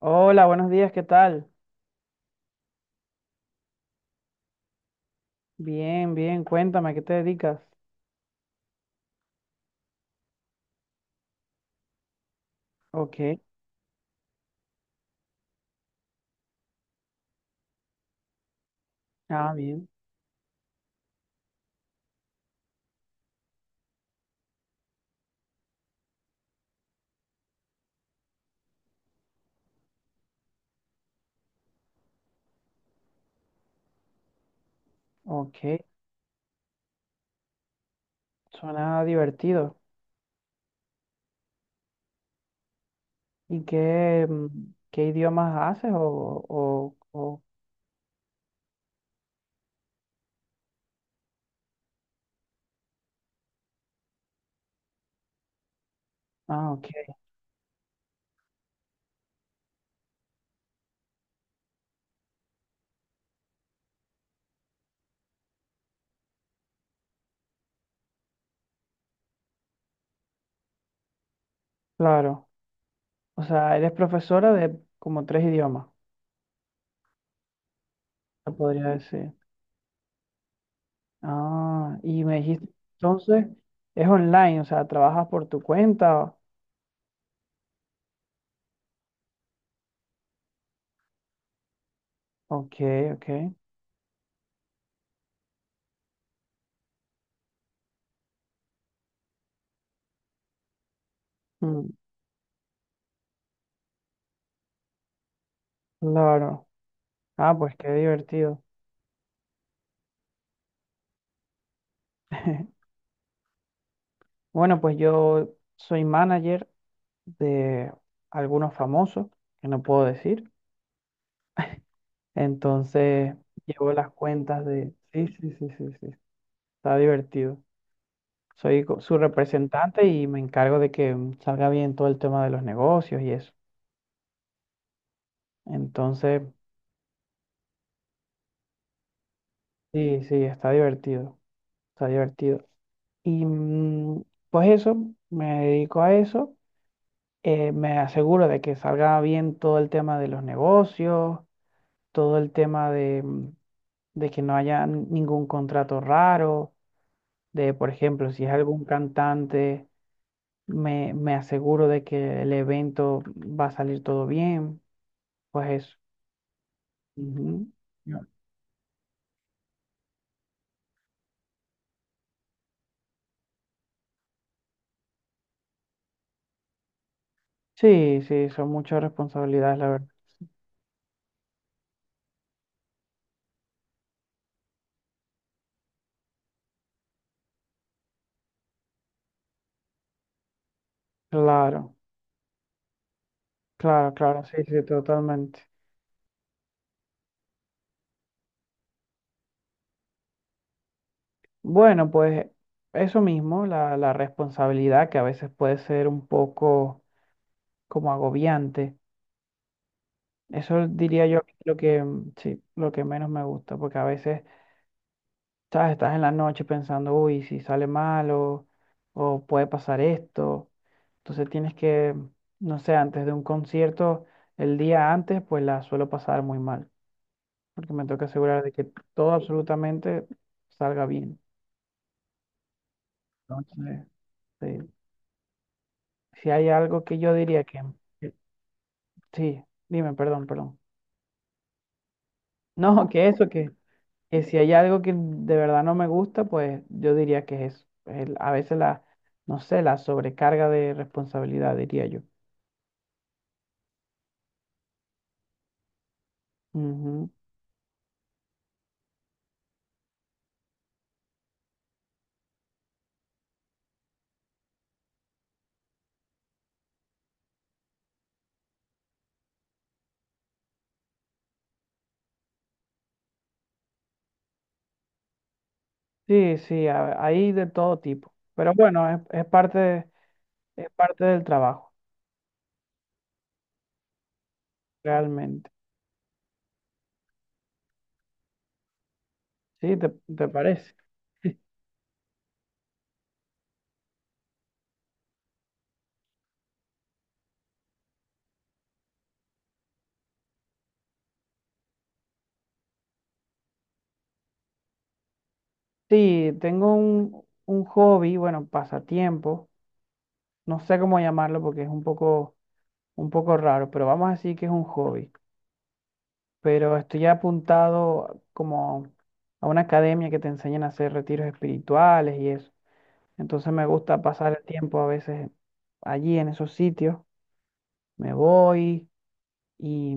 Hola, buenos días, ¿qué tal? Bien, bien, cuéntame, ¿a qué te dedicas? Ok, ah, bien, ok, suena divertido. ¿Y qué, qué idiomas haces? Ah, ok, claro. O sea, eres profesora de como tres idiomas, se podría decir. Ah, y me dijiste, entonces, es online, o sea, trabajas por tu cuenta. Ok, ok, mm, claro. Ah, pues qué divertido. Bueno, pues yo soy manager de algunos famosos, que no puedo decir. Entonces, llevo las cuentas de... Sí, sí, sí, sí, sí. Está divertido. Soy su representante y me encargo de que salga bien todo el tema de los negocios y eso. Entonces, sí, sí, está divertido. Está divertido. Y pues eso, me dedico a eso. Me aseguro de que salga bien todo el tema de los negocios, todo el tema de, de que no haya ningún contrato raro, de, por ejemplo, si es algún cantante, me aseguro de que el evento va a salir todo bien, pues eso. Ujú. Ya. Sí, sí, son muchas responsabilidades, la verdad. Claro, claro, claro, sí, sí, totalmente. Bueno, pues eso mismo, la responsabilidad que a veces puede ser un poco como agobiante. Eso diría yo que es lo que, sí, lo que menos me gusta, porque a veces, ¿sabes? Estás en la noche pensando, uy, si sale mal o puede pasar esto. Entonces tienes que, no sé, antes de un concierto, el día antes, pues la suelo pasar muy mal, porque me tengo que asegurar de que todo absolutamente salga bien. Entonces, sí, si hay algo que yo diría que, sí, dime, perdón, perdón. No, que eso, que si hay algo que de verdad no me gusta, pues yo diría que es eso. El- a veces no sé, la sobrecarga de responsabilidad, diría yo. Ujú. Sí, sí, a- hay de todo tipo. Pero bueno, es, es parte del trabajo, realmente. ¿Sí? ¿Te, te parece? Sí, tengo un hobby, bueno, pasatiempo. No sé cómo llamarlo porque es un poco raro, pero vamos a decir que es un hobby. Pero estoy apuntado como a una academia que te enseñan a hacer retiros espirituales y eso. Entonces me gusta pasar el tiempo a veces allí en esos sitios. Me voy y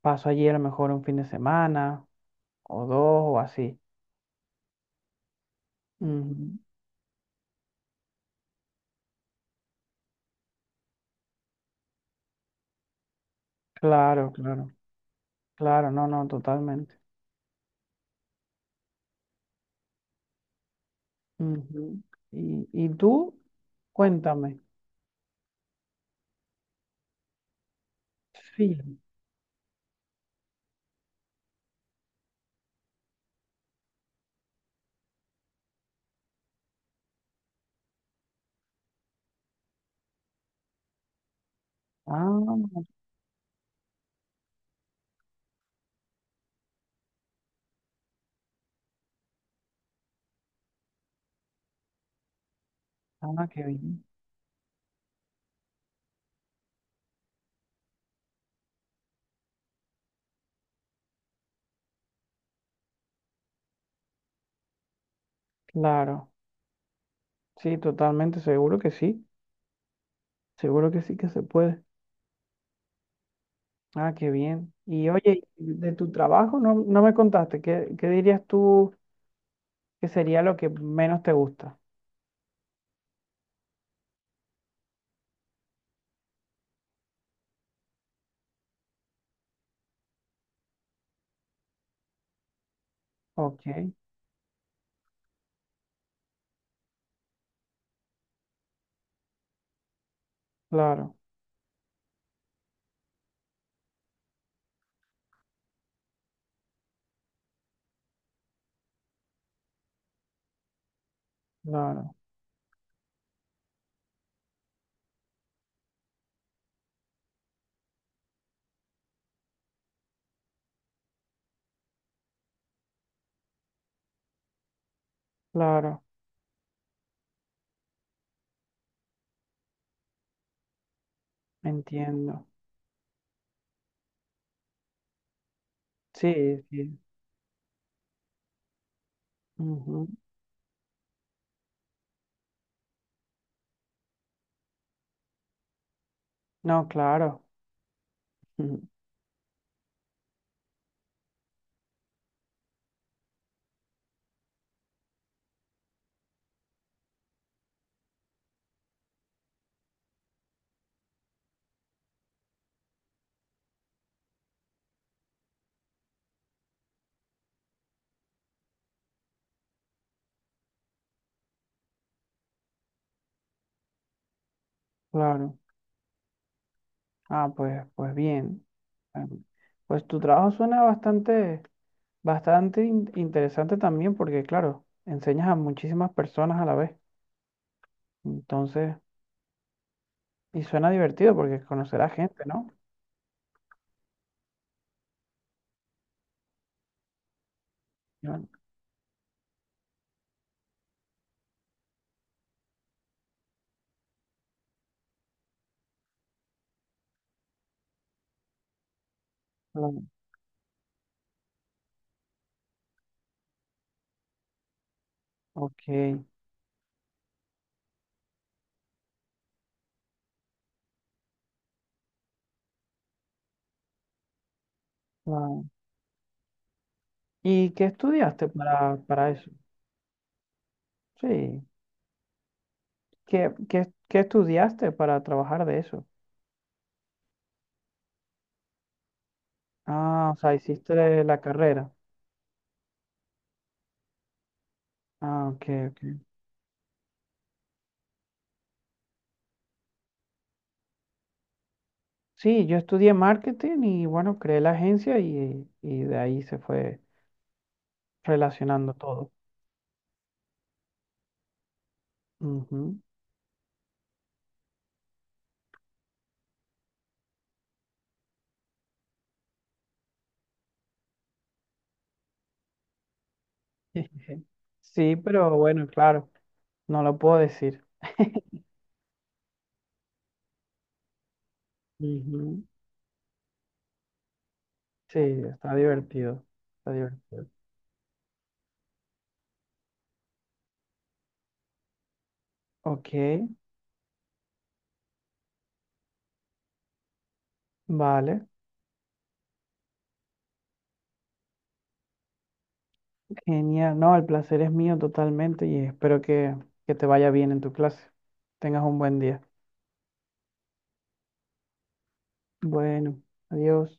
paso allí a lo mejor un fin de semana o dos o así. Ujú. Claro, claro, claro, no, no, totalmente. Ujú. Y tú, cuéntame. Sí. Ah, ah, qué bien. Claro, sí, totalmente, seguro que sí que se puede. Ah, qué bien. Y oye, de tu trabajo no, no me contaste, ¿qué, qué dirías tú que sería lo que menos te gusta? Ok, claro, claro, claro, entiendo. Sí, sí. Ujú. No, claro, ujú, claro. Ah, pues, pues bien. Em, Pues tu trabajo suena bastante, bastante interesante también, porque claro, enseñas a muchísimas personas a la vez. Entonces, y suena divertido porque conocerás gente, ¿no? Claro, claro. Ok, claro. ¿Y qué estudiaste para eso? Sí. ¿Qué, qué, qué estudiaste para trabajar de eso? Ah, o sea, hiciste la carrera. Ah, ok, ok. Sí, yo estudié marketing y bueno, creé la agencia y de ahí se fue relacionando todo. Ujú. Sí, pero bueno, claro, no lo puedo decir. Ujú. Sí, está divertido. Está divertido. Ok, vale. Genial. No, el placer es mío totalmente y espero que te vaya bien en tu clase. Tengas un buen día. Bueno, adiós.